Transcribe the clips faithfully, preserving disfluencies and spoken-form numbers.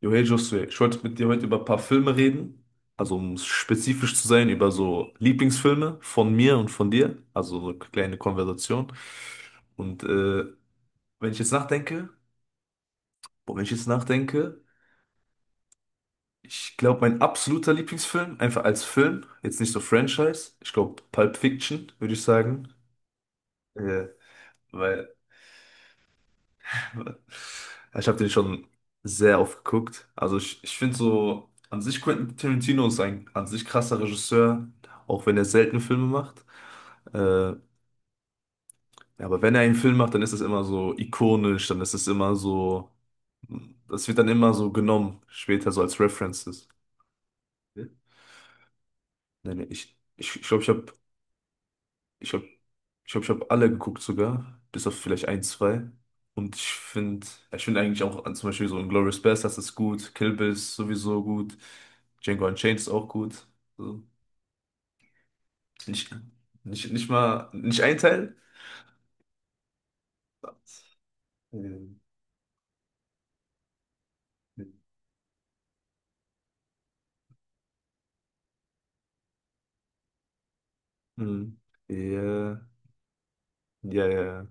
Jo, hey Josué, ich wollte mit dir heute über ein paar Filme reden. Also um spezifisch zu sein, über so Lieblingsfilme von mir und von dir. Also so eine kleine Konversation. Und äh, wenn ich jetzt nachdenke, boah, wenn ich jetzt nachdenke, ich glaube, mein absoluter Lieblingsfilm, einfach als Film, jetzt nicht so Franchise, ich glaube Pulp Fiction, würde ich sagen. Äh, weil Ja, Ich habe den schon sehr oft geguckt. Also ich, ich finde so, an sich Quentin Tarantino ist ein an sich krasser Regisseur, auch wenn er selten Filme macht. Äh, ja, aber wenn er einen Film macht, dann ist es immer so ikonisch, dann ist es immer so, das wird dann immer so genommen, später so als References. Nee, nee, ich glaube, ich, ich, glaub, ich habe. Ich habe ich hab, ich hab alle geguckt sogar, bis auf vielleicht ein, zwei. Und ich finde, ich finde eigentlich auch an- zum Beispiel so Inglourious Basterds ist gut, Kill Bill ist sowieso gut, Django Unchained ist auch gut. So, nicht, nicht, nicht mal, nicht ein Teil. Ähm, Hm. Ja, ja, ja,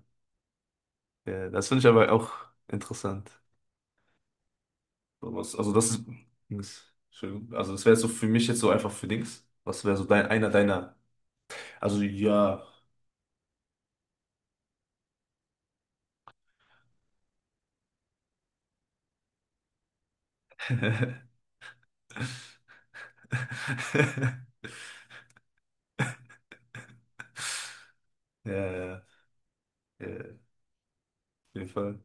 ja. Das finde ich aber auch interessant. So was- Also das ist, Dings. Entschuldigung. Also das wäre so für mich jetzt so einfach für Dings. Was wäre so dein, einer deiner? Also ja. Ja, ja, ja, auf jeden Fall.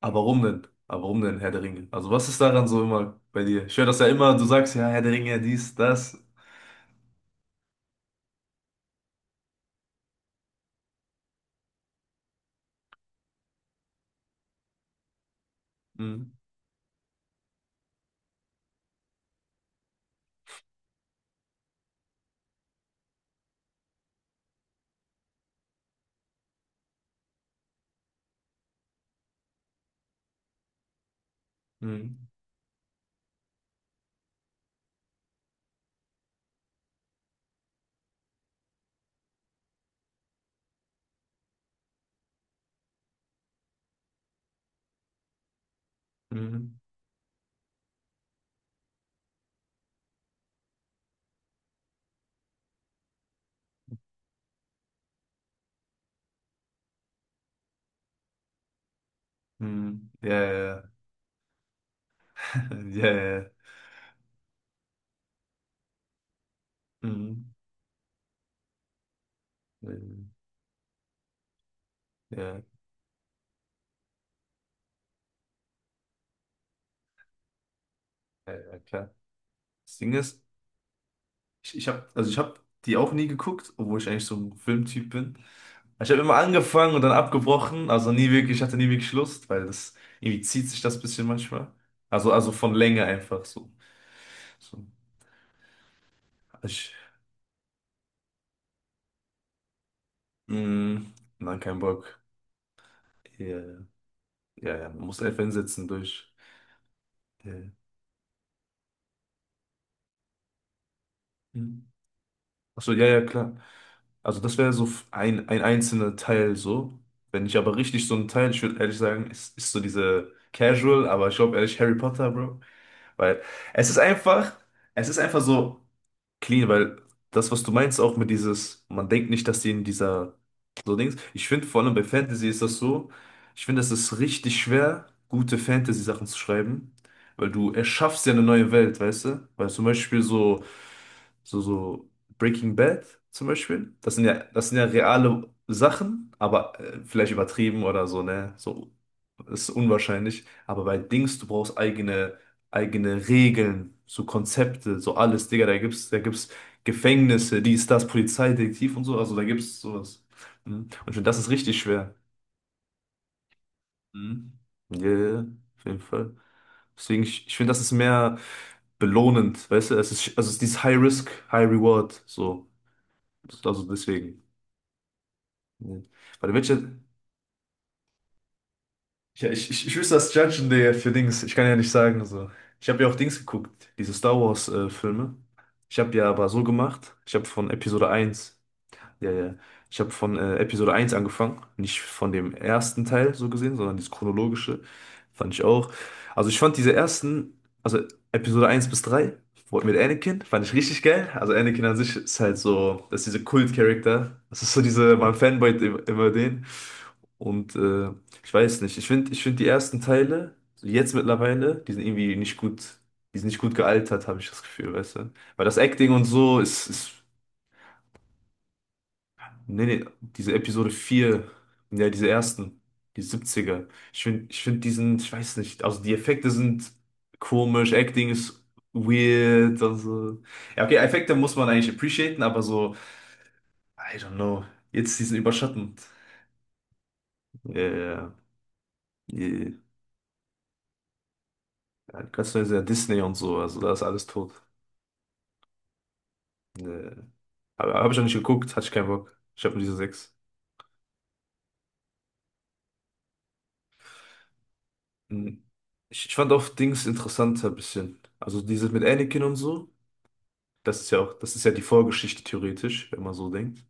Aber warum denn? Aber warum denn Herr der Ringe? Also was ist daran so immer bei dir? Ich höre das ja immer, du sagst ja Herr der Ringe, dies, das. Hm, hm, hm, hm. Ja, ja, ja, ja, ja. Hm. hm. Ja, ja, ja, klar. Das Ding ist, ich, ich habe, also ich habe die auch nie geguckt, obwohl ich eigentlich so ein Filmtyp bin. Ich habe immer angefangen und dann abgebrochen, also nie wirklich, ich hatte nie wirklich Lust, weil das irgendwie zieht sich das bisschen manchmal. Also, also von Länge einfach so. so. Ich, mh, nein, kein Bock. Ja, ja, ja, man muss einfach hinsetzen durch. Ja. Mhm. Ach so, ja, ja, klar. Also das wäre so ein, ein einzelner Teil so. Wenn ich aber richtig so einen Teil, ich würde ehrlich sagen, ist, ist so diese Casual, aber ich glaube ehrlich Harry Potter, Bro. Weil es ist einfach, es ist einfach so clean, weil das, was du meinst, auch mit dieses, man denkt nicht, dass die in dieser so Dings. Ich finde, vor allem bei Fantasy ist das so, ich finde, es ist richtig schwer, gute Fantasy-Sachen zu schreiben, weil du erschaffst ja eine neue Welt, weißt du? Weil zum Beispiel so so, so Breaking Bad zum Beispiel. Das sind ja, das sind ja reale Sachen, aber äh, vielleicht übertrieben oder so, ne? So ist unwahrscheinlich. Aber bei Dings, du brauchst eigene, eigene Regeln, so Konzepte, so alles, Digga, da gibt's, da gibt's Gefängnisse, dies, das, Polizeidetektiv und so, also da gibt's sowas. Mhm. Und ich finde, das ist richtig schwer. Mhm. Ja, ja, ja, auf jeden Fall. Deswegen, ich, ich finde, das ist mehr belohnend, weißt du, es ist, also es ist dieses High Risk, High Reward, so. Also deswegen. Nee. Bei den Witcher, Ich, ich, ich, ich wüsste das Judgen der für Dings. Ich kann ja nicht sagen, also ich habe ja auch Dings geguckt, diese Star Wars äh, Filme. Ich habe ja aber so gemacht, ich habe von Episode eins. Ja, ja. Ich habe von äh, Episode eins angefangen, nicht von dem ersten Teil so gesehen, sondern das chronologische fand ich auch. Also ich fand diese ersten, also Episode eins bis drei wo- mit Anakin, fand ich richtig geil. Also Anakin an sich ist halt so, das ist dieser Kult-Charakter. Das ist so diese, man fanboyt im- immer den. Und äh, ich weiß nicht, ich finde ich find die ersten Teile, so jetzt mittlerweile, die sind irgendwie nicht gut, die sind nicht gut gealtert, habe ich das Gefühl, weißt du? Weil das Acting und so ist, ist nee, nee, diese Episode vier, ja, diese ersten, die Siebziger. Ich finde, ich find diesen, ich weiß nicht, also die Effekte sind komisch, Acting ist weird, also. Ja, okay, Effekte muss man eigentlich appreciaten, aber so, I don't know, jetzt diesen überschattend. Ja, ja, ja. Ja, ganz neu ist ja sehr Disney und so, also da ist alles tot. Nee. Aber habe ich auch nicht geguckt, hatte ich keinen Bock. Ich habe nur diese sechs. Hm. Ich, ich fand auch Dings interessanter ein bisschen. Also dieses mit Anakin und so. Das ist ja auch, das ist ja die Vorgeschichte theoretisch, wenn man so denkt.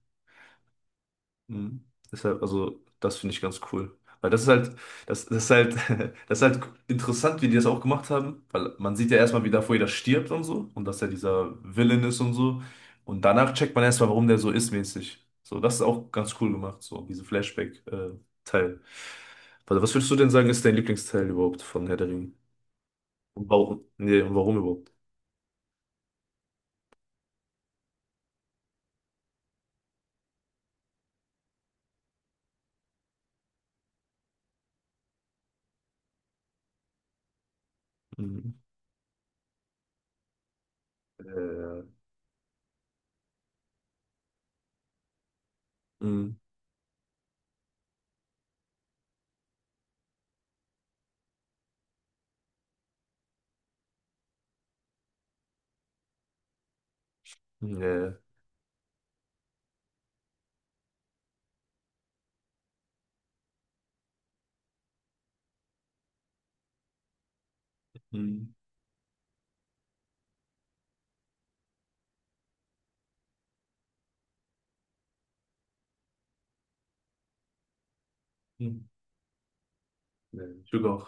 Mhm. Deshalb, also, das finde ich ganz cool. Weil das ist halt, das, das ist halt, das ist halt interessant, wie die das auch gemacht haben, weil man sieht ja erstmal, wie davor jeder stirbt und so, und dass er dieser Villain ist und so. Und danach checkt man erstmal, warum der so ist, mäßig. So, das ist auch ganz cool gemacht, so, diese Flashback-Teil. Warte, was würdest du denn sagen, ist dein Lieblingsteil überhaupt von Herr der Ringe? Und warum? Nee, und warum überhaupt? Mhm. Äh, mhm. Nee. うんねSugar.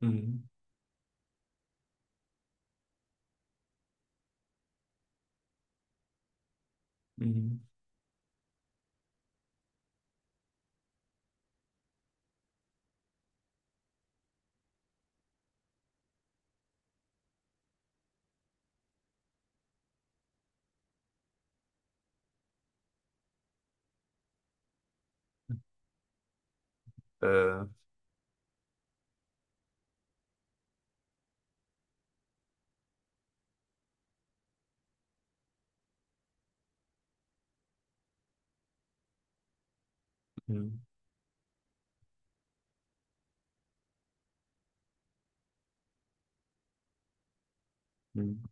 Mhm. Mhm. Äh, mhm. Mhm.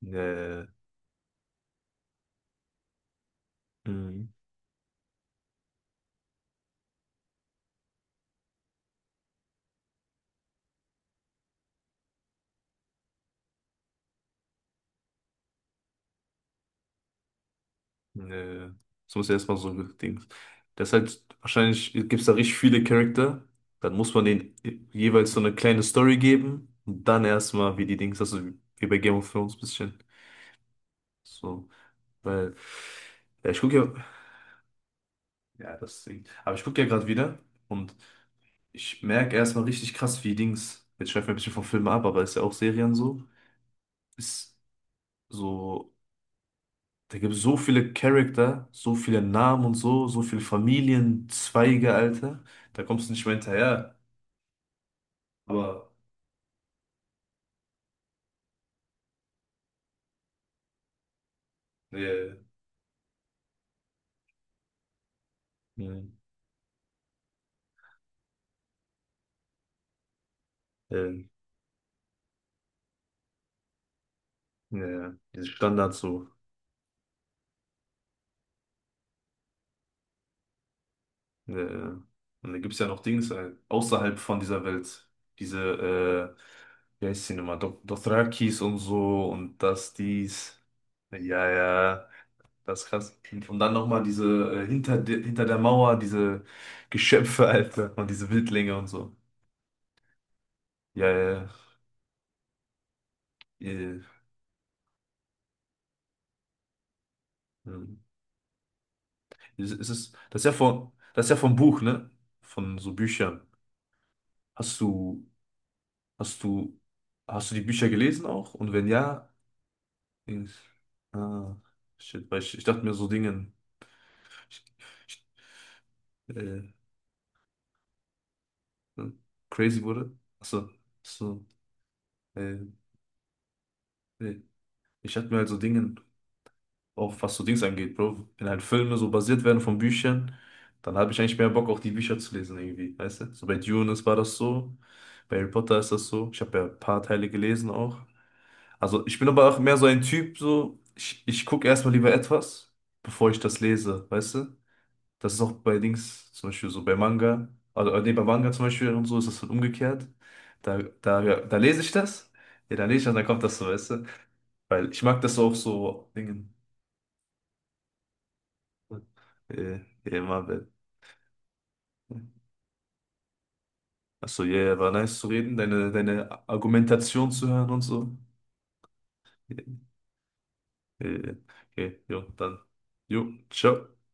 Nee. Hm Nee. Das muss erstmal so ein Ding. Das halt, wahrscheinlich gibt es da richtig viele Charakter. Dann muss man denen jeweils so eine kleine Story geben. Und dann erstmal, wie die Dings, also wie bei Game of Thrones ein bisschen. So. Weil, ja, ich gucke ja. Ja, das Ding. Aber ich gucke ja gerade wieder und ich merke erstmal richtig krass, wie Dings. Jetzt schweifen wir ein bisschen vom Film ab, aber ist ja auch Serien so. Ist so, da gibt es so viele Charakter, so viele Namen und so, so viele Familienzweige, Alter. Da kommst du nicht mehr hinterher. Aber äh, äh, äh, äh, diese Standards so. Äh, und da gibt es ja noch Dings äh, außerhalb von dieser Welt. Diese, äh, wie heißt sie nochmal? Dothrakis und so und das, dies. ja. Ja, das ist krass. Und dann nochmal diese äh, hinter, de, hinter der Mauer, diese Geschöpfe, Alter, und diese Wildlinge und so. Ja, ja, ja. Äh, hm. Es es ist, das ist ja von, das ist ja vom Buch, ne? Von so Büchern. Hast du, hast du, hast du die Bücher gelesen auch? Und wenn ja, ich, ah, shit, weil ich, ich dachte mir so Dingen, ich, ich, äh, hm, crazy wurde. Achso, so, äh, äh, ich dachte mir halt so Dingen auch, was so Dings angeht, Bro. Wenn halt Filme so basiert werden von Büchern, dann habe ich eigentlich mehr Bock, auch die Bücher zu lesen irgendwie, weißt du? So bei Dune ist- war das so, bei Harry Potter ist das so. Ich habe ja ein paar Teile gelesen auch. Also ich bin aber auch mehr so ein Typ, so, ich, ich gucke erstmal lieber etwas, bevor ich das lese, weißt du? Das ist auch bei Dings, zum Beispiel so bei Manga, also äh, nee, bei Manga zum Beispiel und so ist das halt umgekehrt. Da, da, ja, da lese ich das, ja, dann lese ich das, dann kommt das so, weißt du? Weil ich mag das auch so, Dingen. Äh, ja, Marvel. Achso, ja, yeah, war nice zu reden, deine, deine Argumentation zu hören und so. Ja, Äh, okay, jo, dann. Jo, ciao.